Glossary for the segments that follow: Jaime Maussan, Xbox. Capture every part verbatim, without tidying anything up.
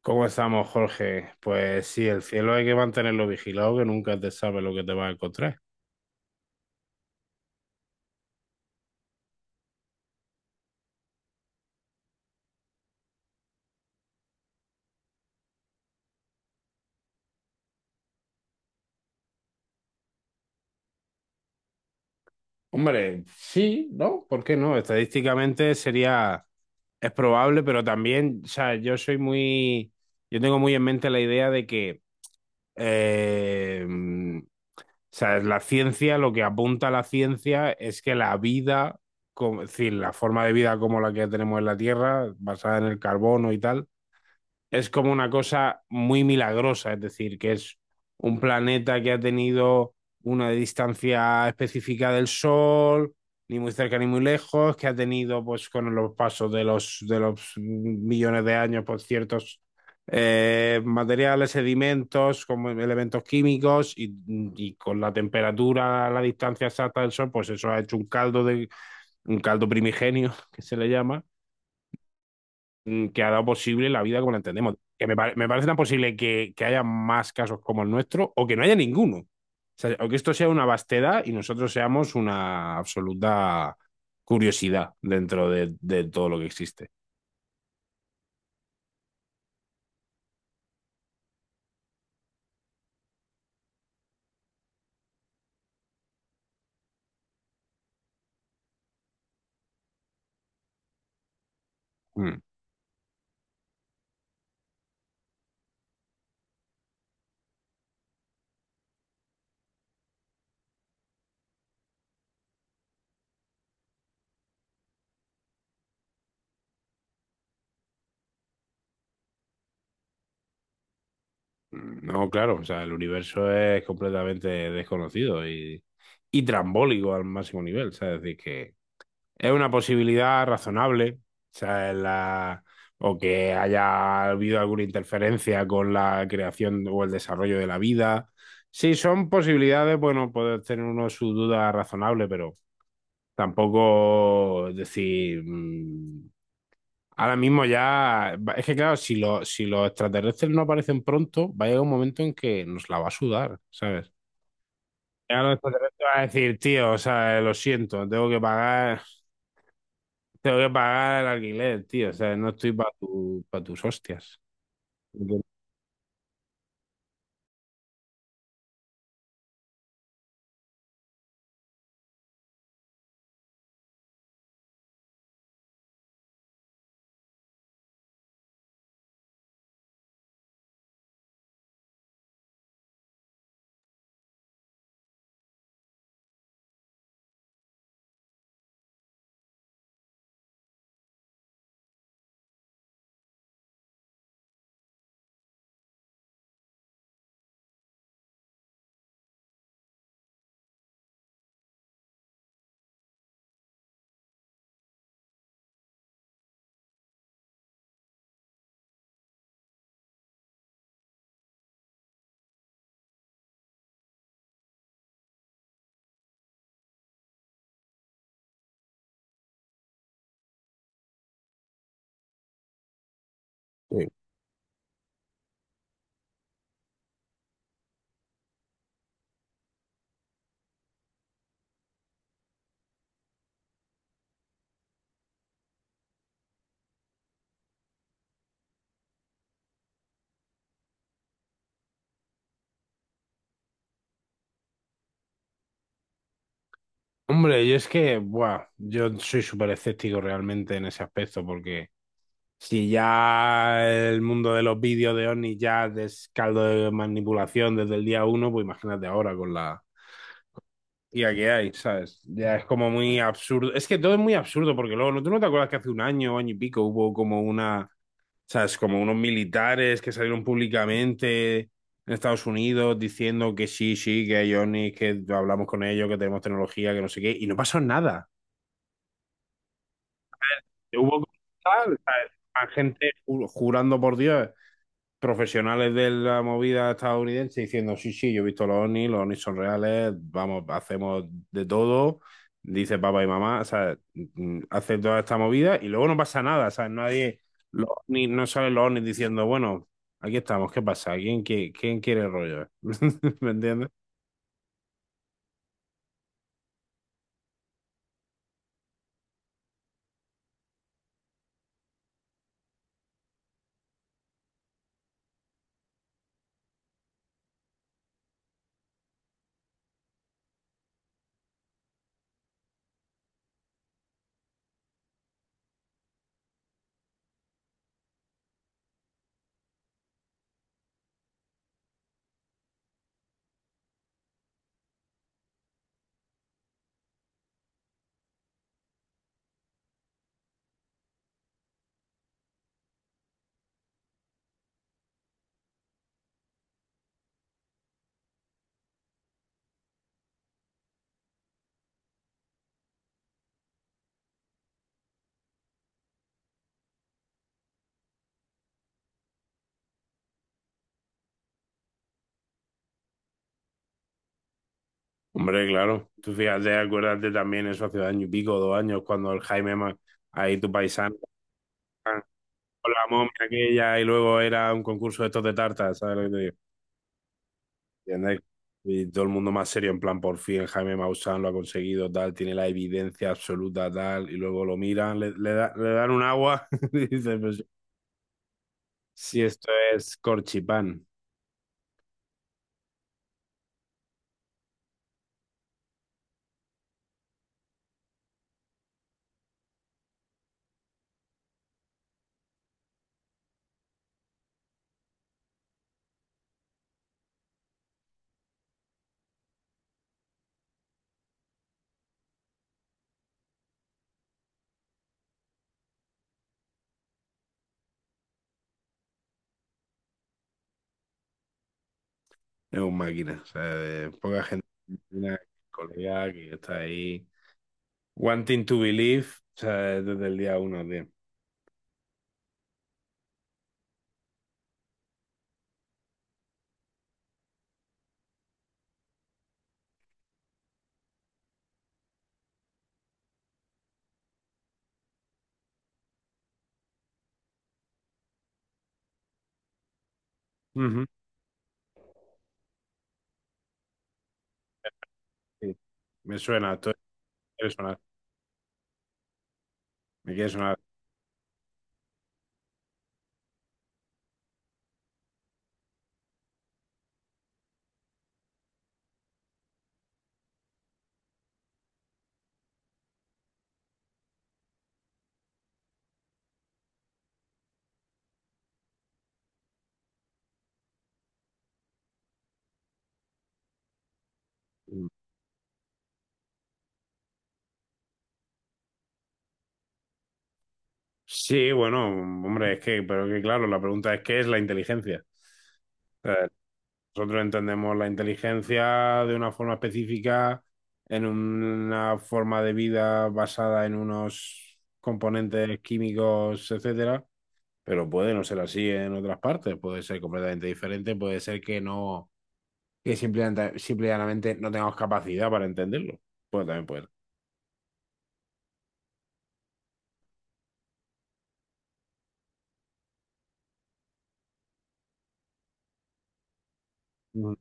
¿Cómo estamos, Jorge? Pues sí, el cielo hay que mantenerlo vigilado, que nunca te sabe lo que te vas a encontrar. Hombre, sí, ¿no? ¿Por qué no? Estadísticamente sería, es probable, pero también, o sea, yo soy muy, yo tengo muy en mente la idea de que, eh, o sea, la ciencia, lo que apunta a la ciencia es que la vida, como- es decir, la forma de vida como la que tenemos en la Tierra, basada en el carbono y tal, es como una cosa muy milagrosa, es decir, que es un planeta que ha tenido una distancia específica del Sol, ni muy cerca ni muy lejos, que ha tenido, pues, con los pasos de los, de los millones de años, pues, ciertos eh, materiales, sedimentos, como elementos químicos, y, y con la temperatura, la distancia exacta del Sol, pues eso ha hecho un caldo de, un caldo primigenio, que se le llama, mm, que ha dado posible la vida como la entendemos. Que me, pare- me parece tan posible que, que haya más casos como el nuestro o que no haya ninguno. O sea, o que esto sea una vastedad y nosotros seamos una absoluta curiosidad dentro de, de todo lo que existe. Mm. Mm, no, claro, o sea, el universo es completamente desconocido y, y trambólico al máximo nivel. O sea, es decir, que es una posibilidad razonable, o sea, la- o que haya habido alguna interferencia con la creación o el desarrollo de la vida. Sí, son posibilidades, bueno, puede tener uno su duda razonable, pero tampoco decir, mm, ahora mismo ya, es que claro, si, lo- si los extraterrestres no aparecen pronto, va a llegar un momento en que nos la va a sudar, ¿sabes? Ya los extraterrestres van a decir, tío, o sea, lo siento, tengo que pagar. Tengo que pagar el alquiler, tío. O sea, no estoy para tu, pa' tus hostias. Sí. Hombre, yo es que, buah, yo soy súper escéptico realmente en ese aspecto, porque si ya el mundo de los vídeos de Oni ya es caldo de manipulación desde el día uno, pues imagínate ahora con la I A que hay, ¿sabes? Ya es como muy absurdo. Es que todo es muy absurdo, porque luego, ¿no- ¿tú no te acuerdas que hace un año, año y pico, hubo como una... ¿Sabes? Como unos militares que salieron públicamente en Estados Unidos diciendo que sí, sí, que hay OVNIs, que hablamos con ellos, que tenemos tecnología, que no sé qué, y no pasó nada. Hubo tal, ¿sabes? Gente ju- jurando por Dios, profesionales de la movida estadounidense diciendo, sí, sí, yo he visto los ovnis, los ovnis son reales, vamos, hacemos de todo, dice papá y mamá, o sea, mm, hace toda esta movida y luego no pasa nada, ¿sabes? Nadie, los ovnis, no salen los ovnis diciendo, bueno, aquí estamos, ¿qué pasa? ¿Quién, qui- ¿quién quiere el rollo? ¿Me entiendes? Hombre, claro, tú fíjate, acuérdate también eso hace año y pico, dos años, cuando el Jaime, Ma- ahí tu paisano, con la momia aquella y luego era un concurso de estos de tartas, ¿sabes lo que te digo? ¿Entiendes? Y todo el mundo más serio, en plan, por fin Jaime Maussan lo ha conseguido, tal, tiene la evidencia absoluta, tal, y luego lo miran, le, le, da- le dan un agua, y dicen, pues, si esto es corchipán, es un máquina, o sea, de poca gente, una colega que está ahí, wanting to believe, o sea, desde el día uno, tío. Ujú, sí, me suena, esto me quiere sonar, me quiere sonar. Sí, bueno, hombre, es que, pero que claro, la pregunta es, ¿qué es la inteligencia? Nosotros entendemos la inteligencia de una forma específica, en una forma de vida basada en unos componentes químicos, etcétera, pero puede no ser así en otras partes, puede ser completamente diferente, puede ser que no, que simplemente, simplemente no tengamos capacidad para entenderlo. Pues también puede ser. Mm.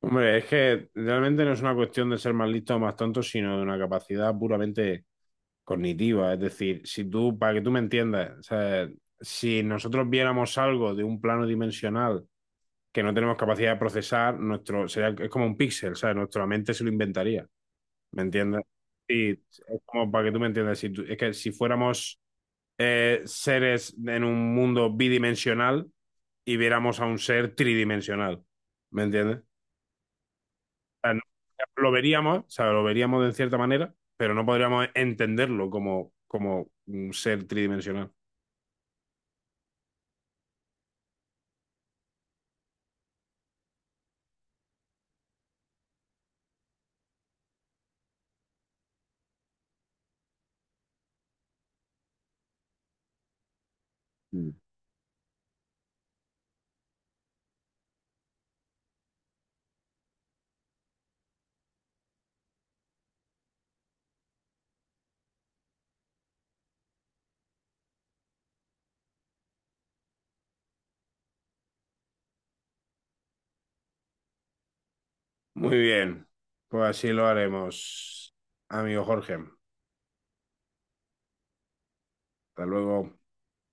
Hombre, es que realmente no es una cuestión de ser más listo o más tonto, sino de una capacidad puramente cognitiva. Es decir, si tú, para que tú me entiendas, o sea, si nosotros viéramos algo de un plano dimensional que no tenemos capacidad de procesar, nuestro, sería, es como un píxel, ¿sabes? Nuestra mente se lo inventaría, ¿me entiendes? Sí, es como para que tú me entiendas, si tú- es que si fuéramos eh, seres en un mundo bidimensional y viéramos a un ser tridimensional, ¿me entiendes? O sea, no- lo veríamos, o sea, lo veríamos de cierta manera, pero no podríamos entenderlo como, como un ser tridimensional. Mm. Muy bien, pues así lo haremos, amigo Jorge. Hasta luego.